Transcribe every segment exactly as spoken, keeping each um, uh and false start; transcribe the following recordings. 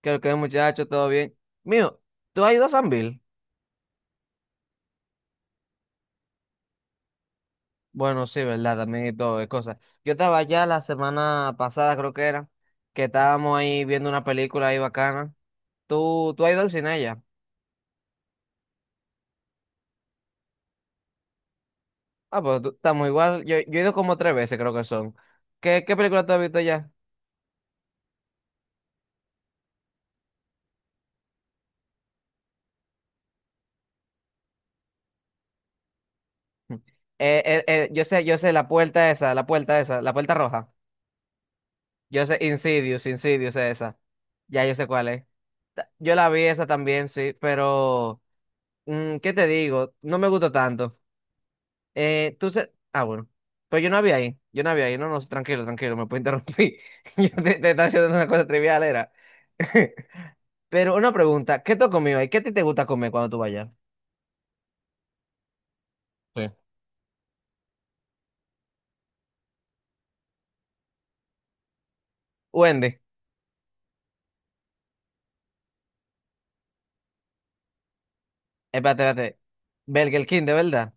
Creo que muchacho, todo bien. Mío, ¿tú has ido a San Bill? Bueno, sí, ¿verdad? También y todo, es cosa. Yo estaba allá la semana pasada, creo que era, que estábamos ahí viendo una película ahí bacana. ¿Tú, tú has ido al cine allá? Ah, pues tú- estamos igual. Yo, yo he ido como tres veces, creo que son. ¿Qué, qué película tú has visto allá? Eh, eh, eh, yo sé, yo sé, la puerta esa, la puerta esa, la puerta roja. Yo sé, Insidious, Insidious es esa. Ya yo sé cuál es. Ta- Yo la vi esa también, sí, pero... Mm, ¿qué te digo? No me gusta tanto. Eh, tú se... Ah, bueno. Pues yo no había ahí. Yo no había ahí. No, no, tranquilo, tranquilo, me puedo interrumpir. Yo te, te estaba haciendo una cosa trivial, era. Pero una pregunta, ¿qué tú has comido ahí? ¿Qué a ti te gusta comer cuando tú vayas? Sí. Wendy, espérate, espérate. Burger King, de verdad.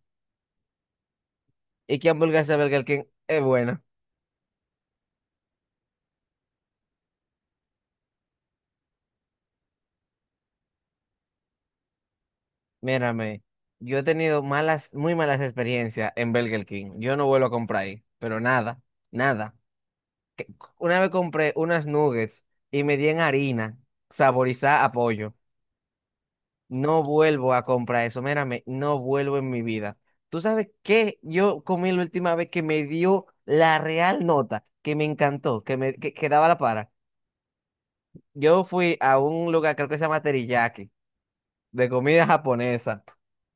¿Y qué hamburguesa de Burger King es buena? Mírame, yo he tenido malas, muy malas experiencias en Burger King. Yo no vuelvo a comprar ahí, pero nada, nada. Una vez compré unas nuggets y me di en harina, saborizada a pollo. No vuelvo a comprar eso, mírame, no vuelvo en mi vida. ¿Tú sabes qué? Yo comí la última vez que me dio la real nota, que me encantó, que me que, que daba la para. Yo fui a un lugar, creo que se llama Teriyaki, de comida japonesa.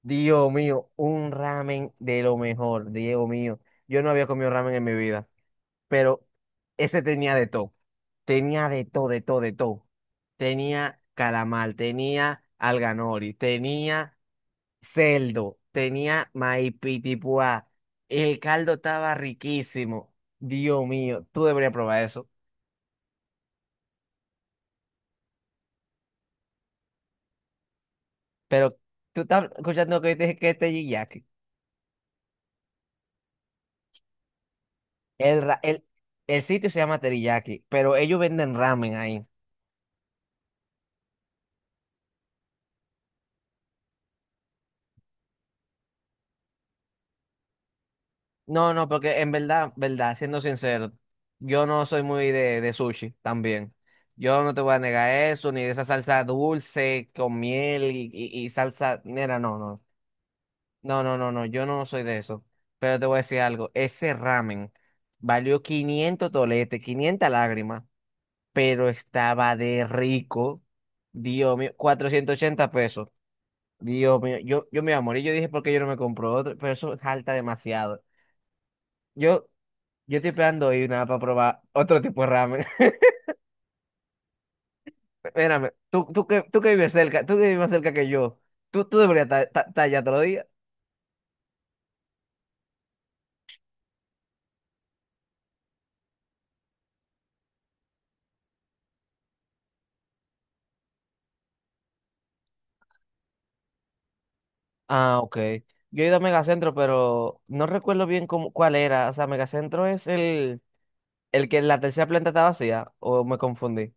Dios mío, un ramen de lo mejor, Dios mío. Yo no había comido ramen en mi vida. Pero ese tenía de todo. Tenía de todo, de todo, de todo. Tenía calamar, tenía alganori, tenía celdo, tenía maipitipuá. El caldo estaba riquísimo. Dios mío, tú deberías probar eso. Pero tú estás escuchando lo que yo te dije que es teriyaki. El, ra- el, el sitio se llama teriyaki, pero ellos venden ramen ahí. No, no, porque en verdad, verdad, siendo sincero, yo no soy muy de, de sushi también. Yo no te voy a negar eso, ni de esa salsa dulce con miel y, y- y salsa. Mira, no, no. No, no, no, no. Yo no soy de eso. Pero te voy a decir algo. Ese ramen valió quinientos toletes, quinientas lágrimas, pero estaba de rico. Dios mío, cuatrocientos ochenta pesos. Dios mío, yo, yo me iba a morir. Yo dije, ¿por qué yo no me compro otro? Pero eso salta demasiado. Yo. Yo estoy esperando ir nada para probar otro tipo de ramen. Espérame, tú, tú, que, tú que vives cerca, tú que vives más cerca que yo, tú, tú deberías estar estar- estar allá todos los días. Ah, ok. Yo he ido a Megacentro, pero no recuerdo bien cómo, cuál era. O sea, Megacentro es el, el que la tercera planta está vacía, o me confundí.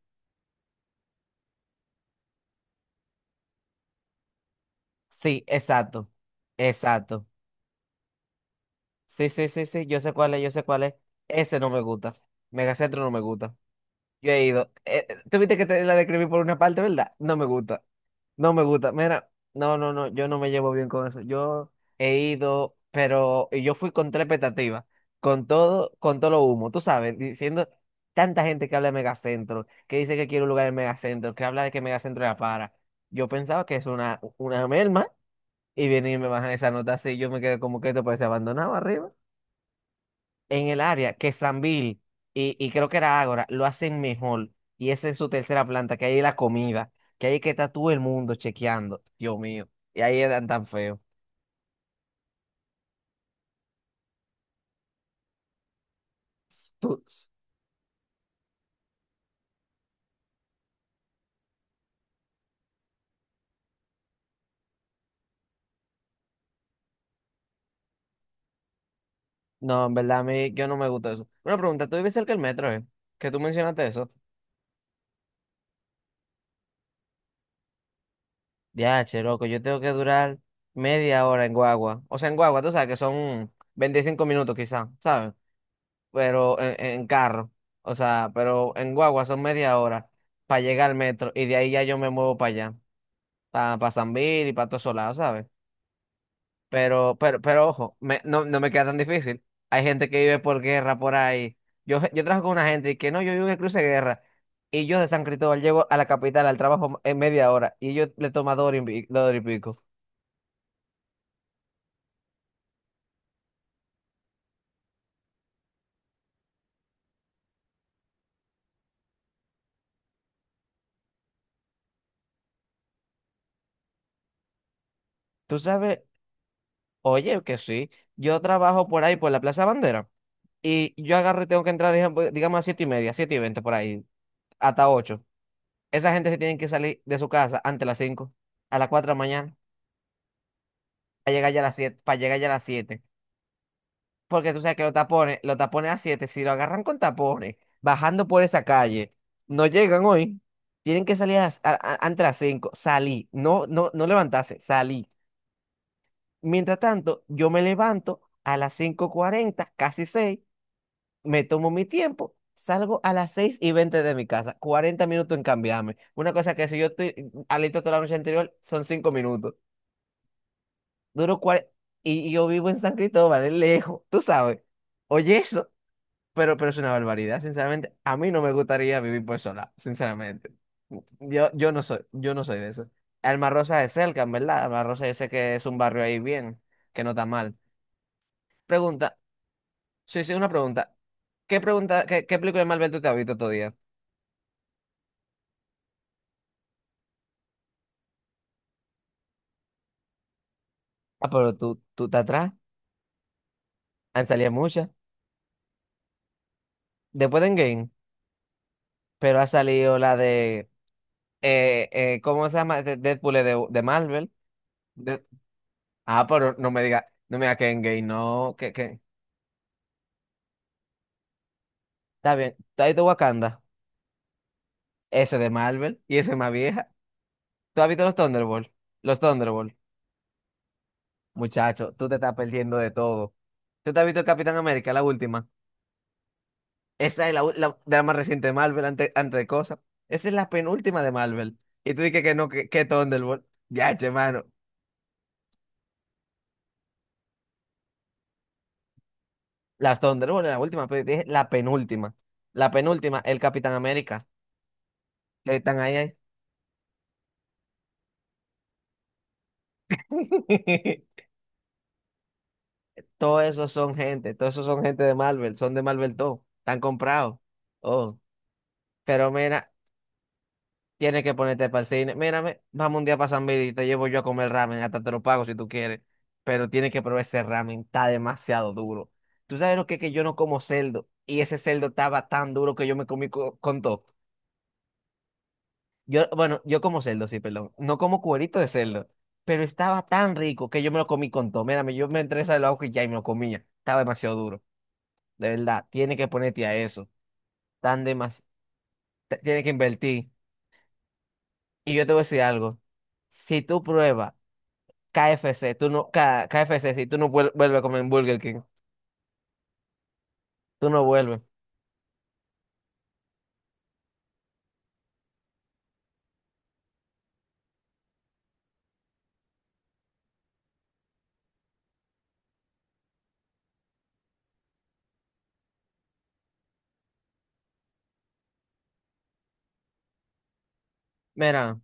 Sí, exacto. Exacto. Sí, sí, sí, sí, yo sé cuál es, yo sé cuál es. Ese no me gusta. Megacentro no me gusta. Yo he ido. Eh, eh, tú viste que te la describí por una parte, ¿verdad? No me gusta. No me gusta. Mira, no, no, no, yo no me llevo bien con eso. Yo he ido, pero y yo fui con tres expectativas, con todo, con todo lo humo, tú sabes, diciendo tanta gente que habla de megacentro, que dice que quiere un lugar en megacentro, que habla de que megacentro era para. Yo pensaba que es una, una merma y vienen y me bajan esa nota así, yo me quedé como que esto parece abandonado arriba en el área que Sambil y, y creo que era Ágora lo hacen mejor. Y es en su tercera planta, que ahí hay la comida, que ahí es que está todo el mundo chequeando. Dios mío. Y ahí eran tan feos. Tú- No, en verdad, a mí yo no me gusta eso. Una pregunta, ¿tú vives cerca del metro, eh? Que tú mencionaste eso. Ya, che, loco, yo tengo que durar media hora en Guagua. O sea, en Guagua, tú sabes que son veinticinco minutos quizás, ¿sabes? Pero en, en carro. O sea, pero en Guagua son media hora para llegar al metro y de ahí ya yo me muevo para allá. Para San Bill y para todos esos lados, ¿sabes? Pero, pero, pero ojo, me- no, no me queda tan difícil. Hay gente que vive por guerra por ahí. Yo, yo trabajo con una gente y que no, yo vivo en el cruce de guerra. Y yo de San Cristóbal llego a la capital, al trabajo en media hora. Y yo le tomo dos horas y, pi- dos horas y pico. Tú sabes, oye, que sí. Yo trabajo por ahí, por la Plaza Bandera. Y yo agarro y tengo que entrar, digamos, digamos, a siete y media, siete y veinte por ahí, hasta ocho. Esa gente se tiene que salir de su casa antes de las cinco, a las cuatro de la mañana, para llegar ya a las siete, para llegar ya a las siete. Porque tú sabes que los tapones, los tapones a siete si lo agarran con tapones, bajando por esa calle, no llegan hoy, tienen que salir a las- a- a- antes de las cinco salí, no, no, no levantarse, salí. Mientras tanto, yo me levanto a las cinco cuarenta casi seis, me tomo mi tiempo, salgo a las seis y veinte de mi casa, cuarenta minutos en cambiarme. Una cosa que si yo estoy alito toda la noche anterior, son cinco minutos. Duro cuarenta y, y yo vivo en San Cristóbal, es lejos, tú sabes. Oye, eso. Pero, pero es una barbaridad, sinceramente. A mí no me gustaría vivir por sola, sinceramente. Yo, yo no soy, yo no soy de eso. Alma Rosa es cerca, en verdad. Alma Rosa yo sé que es un barrio ahí bien, que no está mal. Pregunta, sí, sí, una pregunta. ¿Qué pregunta, qué, qué película de Marvel tú te has visto todo día? Ah, pero tú, tú te atrás. Han salido muchas. Después de Endgame, pero ha salido la de, eh, eh, ¿cómo se llama? De- Deadpool es de, de Marvel. De- ah, pero no me diga, no me diga que Endgame, no, que, que, está bien. ¿Está ahí de Wakanda? Ese de Marvel y ese más vieja. ¿Tú has visto los Thunderbolts? Los Thunderbolts. Muchacho, tú te estás perdiendo de todo. ¿Tú te has visto el Capitán América, la última? Esa es la, u- la- de la más reciente de Marvel, antes, antes de cosas. Esa es la penúltima de Marvel. Y tú dices que no, que, que Thunderbolt. Ya, che, mano. Las Thunderbolts, la última, pero dije la penúltima. La penúltima, el Capitán América. Que están ahí, ahí. Todos esos son gente, todos esos son gente de Marvel, son de Marvel todo. Están comprados. Oh. Pero mira, tienes que ponerte para el cine. Mírame, vamos un día para San Miguel y te llevo yo a comer ramen. Hasta te lo pago si tú quieres. Pero tienes que probar ese ramen. Está demasiado duro. Tú sabes lo que es que yo no como cerdo. Y ese cerdo estaba tan duro que yo me comí co- con todo. Yo, bueno, yo como cerdo, sí, perdón. No como cuerito de cerdo. Pero estaba tan rico que yo me lo comí con todo. Mírame, yo me entré al ojo y ya y me lo comía. Estaba demasiado duro. De verdad, tienes que ponerte a eso. Tan demasiado. Tienes que invertir. Y yo te voy a decir algo. Si tú pruebas. K F C, tú no, K- KFC, si tú no vuel- vuelves a comer en Burger King, tú no vuelves. Mira.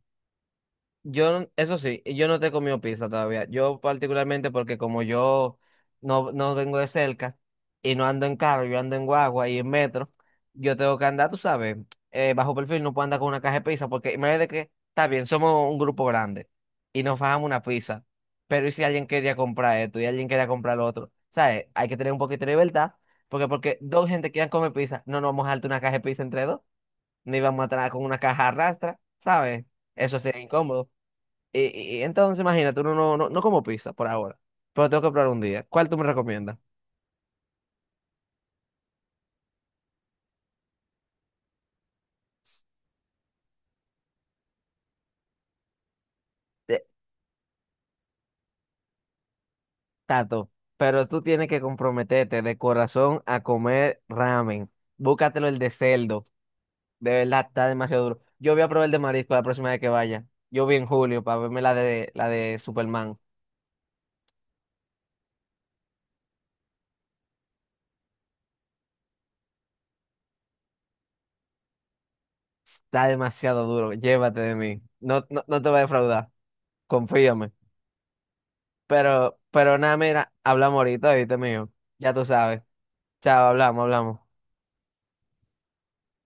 Yo, no- eso sí, yo no te he comido pizza todavía. Yo particularmente porque como yo no, no vengo de cerca y no ando en carro, yo ando en guagua y en metro, yo tengo que andar, tú sabes, eh, bajo perfil, no puedo andar con una caja de pizza porque imagínate que, está bien, somos un grupo grande y nos fajamos una pizza, pero ¿y si alguien quería comprar esto y alguien quería comprar lo otro? ¿Sabes? Hay que tener un poquito de libertad porque porque dos gente quieran comer pizza, no nos vamos a darte una caja de pizza entre dos, ni vamos a traer con una caja arrastra, ¿sabes? Eso sería incómodo. Y, y entonces, imagínate, uno no, no, no como pizza por ahora, pero tengo que probar un día. ¿Cuál tú me recomiendas? Eh, Tato, pero tú tienes que comprometerte de corazón a comer ramen. Búscatelo el de cerdo. De verdad, está demasiado duro. Yo voy a probar el de marisco la próxima vez que vaya. Yo vi en julio para verme la de, la de Superman. Está demasiado duro. Llévate de mí. No, no, no te voy a defraudar. Confíame. Pero, pero nada, mira, hablamos ahorita, ¿viste, mío? Ya tú sabes. Chao, hablamos, hablamos.